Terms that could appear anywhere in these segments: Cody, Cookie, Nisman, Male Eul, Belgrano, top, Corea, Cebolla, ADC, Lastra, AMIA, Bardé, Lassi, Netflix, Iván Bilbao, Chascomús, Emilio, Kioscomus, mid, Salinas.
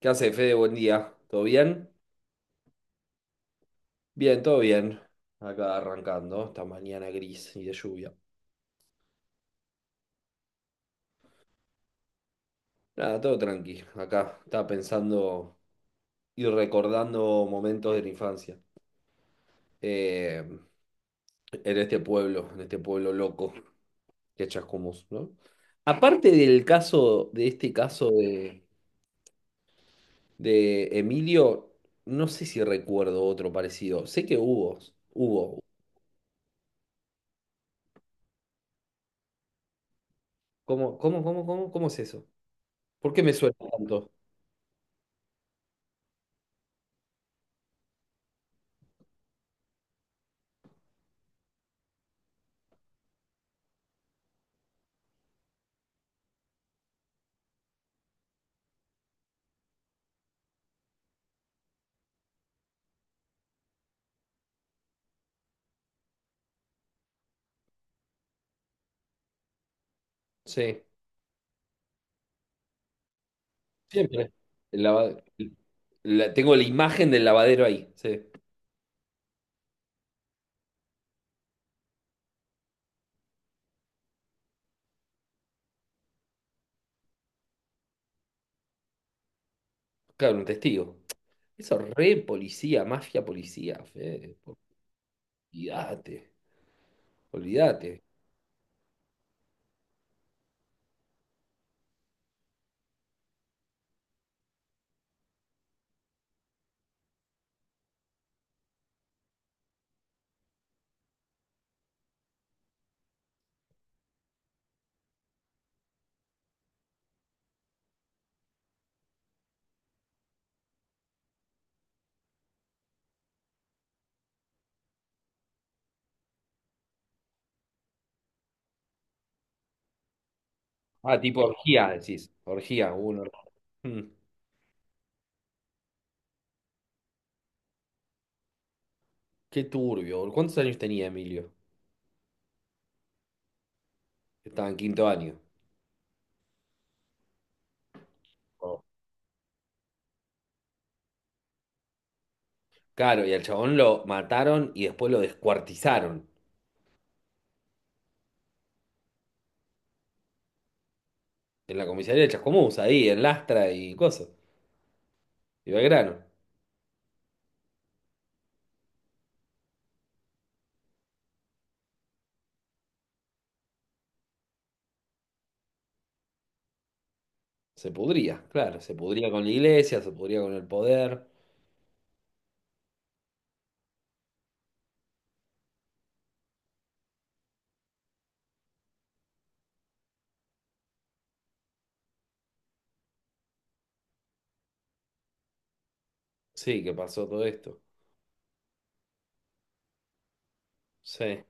¿Qué hace, Fede? Buen día. ¿Todo bien? Bien, todo bien. Acá arrancando esta mañana gris y de lluvia. Nada, todo tranqui. Acá estaba pensando y recordando momentos de la infancia. Eh, en este pueblo, en este pueblo loco que es Chascomús, ¿no? Aparte del caso, de este caso de Emilio, no sé si recuerdo otro parecido. Sé que hubo, hubo. ¿Cómo es eso? ¿Por qué me suena tanto? Sí, siempre. El lava- Tengo la imagen del lavadero ahí. Sí. Claro, un testigo. Eso re policía, mafia policía, Fede. Olvídate, olvídate. Ah, tipo orgía, decís. Orgía, uno. Mm, qué turbio, boludo. ¿Cuántos años tenía Emilio? Estaba en quinto año. Oh. Claro, y al chabón lo mataron y después lo descuartizaron en la comisaría de Chascomús, ahí, en Lastra y cosas. Y Belgrano. Se pudría, claro, se pudría con la iglesia, se pudría con el poder. Sí, que pasó todo esto. Sí.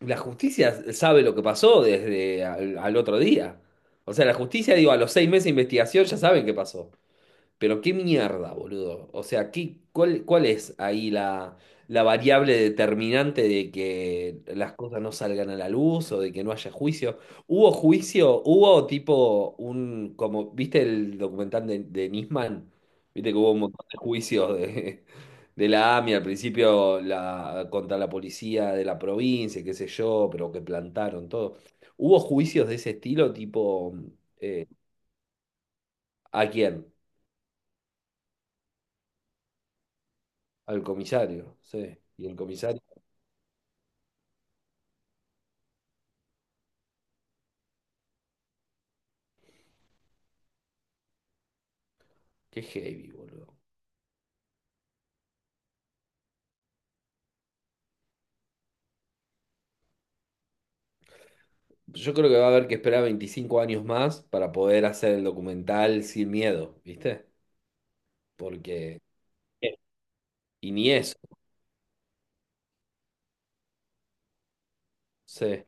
La justicia sabe lo que pasó desde al otro día. O sea, la justicia, digo, a los 6 meses de investigación ya saben qué pasó. Pero qué mierda, boludo. O sea, ¿qué, cuál es ahí la variable determinante de que las cosas no salgan a la luz o de que no haya juicio? ¿Hubo juicio? ¿Hubo tipo un, como, viste el documental de Nisman? Viste que hubo un montón de juicios de, de la AMIA al principio la, contra la policía de la provincia, qué sé yo, pero que plantaron todo. ¿Hubo juicios de ese estilo tipo a quién? Al comisario, sí. Y el comisario. Qué heavy, boludo. Yo creo que va a haber que esperar 25 años más para poder hacer el documental sin miedo, ¿viste? Porque... Sí. Y ni eso, sí.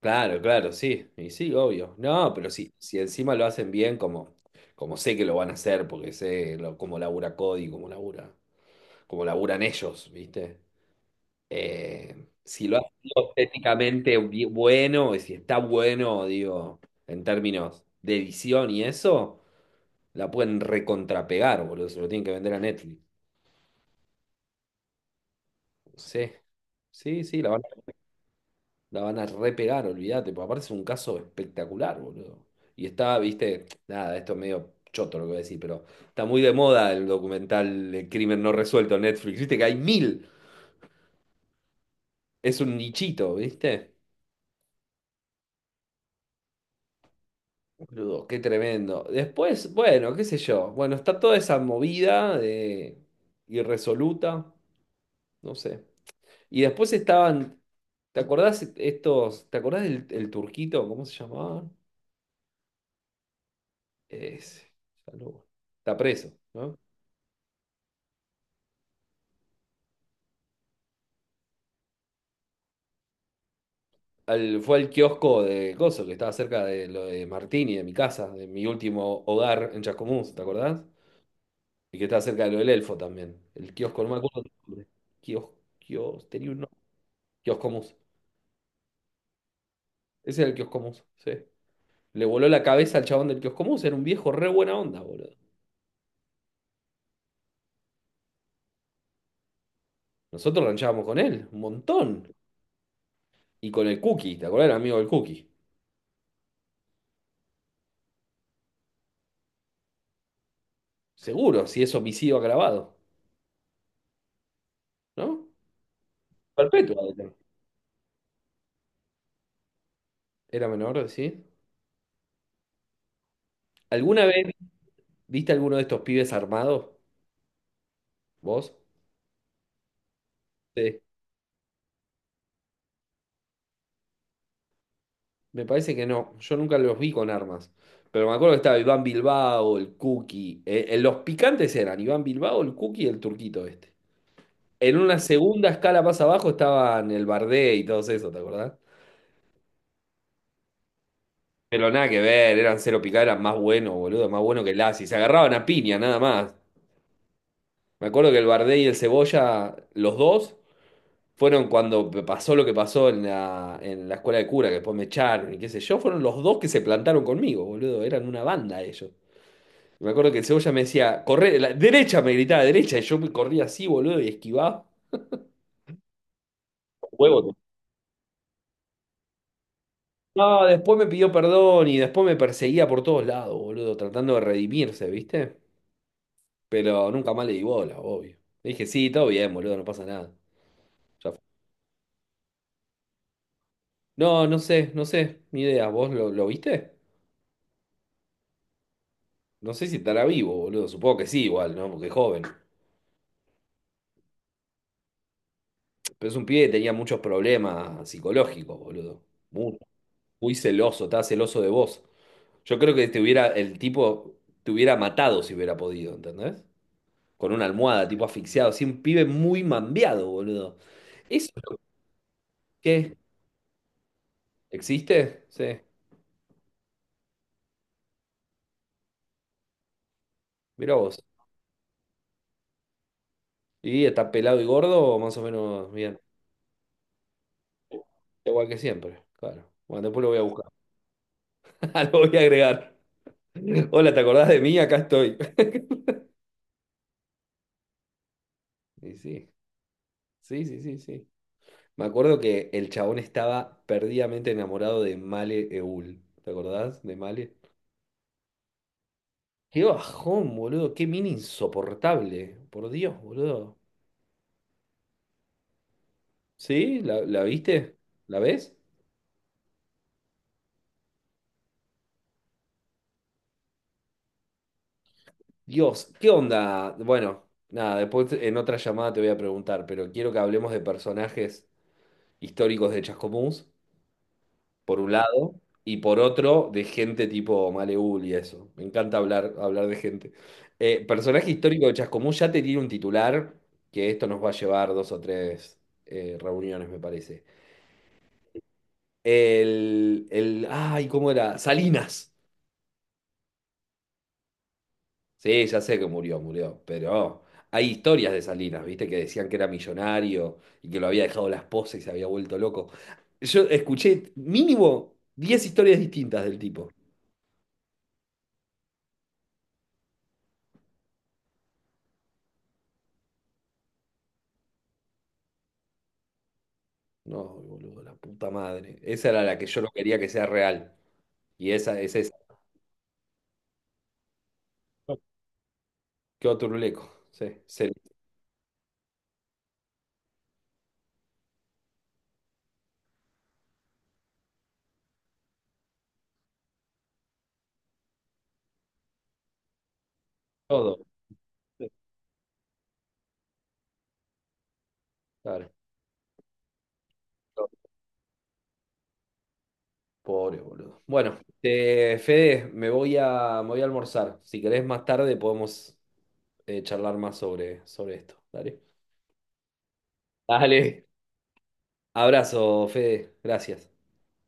Claro, claro, sí. Y sí, obvio. No, pero sí, si encima lo hacen bien, como, como sé que lo van a hacer, porque sé lo, cómo labura Cody, cómo labura, cómo laburan ellos, ¿viste? Si lo hacen estéticamente bueno, y si está bueno, digo, en términos de edición y eso. La pueden recontrapegar, boludo. Se lo tienen que vender a Netflix. Sí. Sí, sí, la van a repegar, olvídate. Porque aparte es un caso espectacular, boludo. Y está, viste, nada, esto es medio choto lo que voy a decir, pero está muy de moda el documental El crimen no resuelto en Netflix. Viste que hay mil. Es un nichito, ¿viste? Boludo, qué tremendo. Después, bueno, qué sé yo. Bueno, está toda esa movida de irresoluta. No sé. Y después estaban, ¿te acordás estos, te acordás del el turquito? ¿Cómo se llamaba? Ese, ya no- está preso, ¿no? Fue al kiosco de Coso, que estaba cerca de lo de Martini, de mi casa, de mi último hogar en Chascomús, ¿te acordás? Y que estaba cerca de lo del Elfo también. El kiosco, no me acuerdo el nombre. Kios, kios, tenía un nombre. Kioscomus. Ese era el Kioscomus, sí. Le voló la cabeza al chabón del Kioscomus, era un viejo re buena onda, boludo. Nosotros ranchábamos con él, un montón. Y con el Cookie, ¿te acordás del amigo del Cookie? Seguro, si es homicidio agravado, ¿no? Perpetua debe ser. Era menor, ¿sí? ¿Alguna vez viste alguno de estos pibes armados? ¿Vos? Sí. Me parece que no. Yo nunca los vi con armas. Pero me acuerdo que estaba Iván Bilbao, el Cookie. Los picantes eran Iván Bilbao, el Cookie y el turquito este. En una segunda escala más abajo estaban el Bardé y todos esos, ¿te acordás? Pero nada que ver, eran cero picadas, eran más buenos, boludo, más buenos que Lassi. Se agarraban a piña, nada más. Me acuerdo que el Bardé y el Cebolla, los dos, fueron cuando pasó lo que pasó en la escuela de cura, que después me echaron y qué sé yo, fueron los dos que se plantaron conmigo, boludo, eran una banda ellos. Y me acuerdo que el Cebolla me decía, corre, la derecha, me gritaba derecha, y yo me corría así, boludo, y esquivaba. Huevo. No, después me pidió perdón y después me perseguía por todos lados, boludo, tratando de redimirse, ¿viste? Pero nunca más le di bola, obvio. Le dije, sí, todo bien, boludo, no pasa nada. Ya fue. No, no sé, no sé, ni idea, ¿vos lo viste? No sé si estará vivo, boludo. Supongo que sí, igual, ¿no? Porque es joven. Pero es un pibe que tenía muchos problemas psicológicos, boludo. Muy, muy celoso, estaba celoso de vos. Yo creo que te hubiera, el tipo te hubiera matado si hubiera podido, ¿entendés? Con una almohada, tipo asfixiado. Sí, un pibe muy mambiado, boludo. ¿Eso es lo que existe? Sí, mirá vos. ¿Y está pelado y gordo? Más o menos bien. Igual que siempre, claro. Bueno, después lo voy a buscar. Lo voy a agregar. Hola, ¿te acordás de mí? Acá estoy. Y sí. Sí, sí, sí, sí. Me acuerdo que el chabón estaba perdidamente enamorado de Male Eul. ¿Te acordás de Male? Qué bajón, boludo. Qué mina insoportable. Por Dios, boludo. ¿Sí? ¿La viste? ¿La ves? Dios, ¿qué onda? Bueno, nada, después en otra llamada te voy a preguntar, pero quiero que hablemos de personajes históricos de Chascomús, por un lado, y por otro, de gente tipo Maleul y eso. Me encanta hablar, hablar de gente. Personaje histórico de Chascomús ya te tiene un titular, que esto nos va a llevar dos o tres reuniones, me parece. ¿Cómo era? Salinas. Sí, ya sé que murió, murió, pero hay historias de Salinas, ¿viste? Que decían que era millonario y que lo había dejado la esposa y se había vuelto loco. Yo escuché mínimo 10 historias distintas del tipo. No, boludo, la puta madre. Esa era la que yo no quería que sea real. Y esa es esa. Quedó turuleco. Sí, todo. Sí, claro. Pobre, boludo. Bueno, Fede, me voy a almorzar. Si querés más tarde podemos charlar más sobre, sobre esto. Dale. Dale. Abrazo, Fede. Gracias.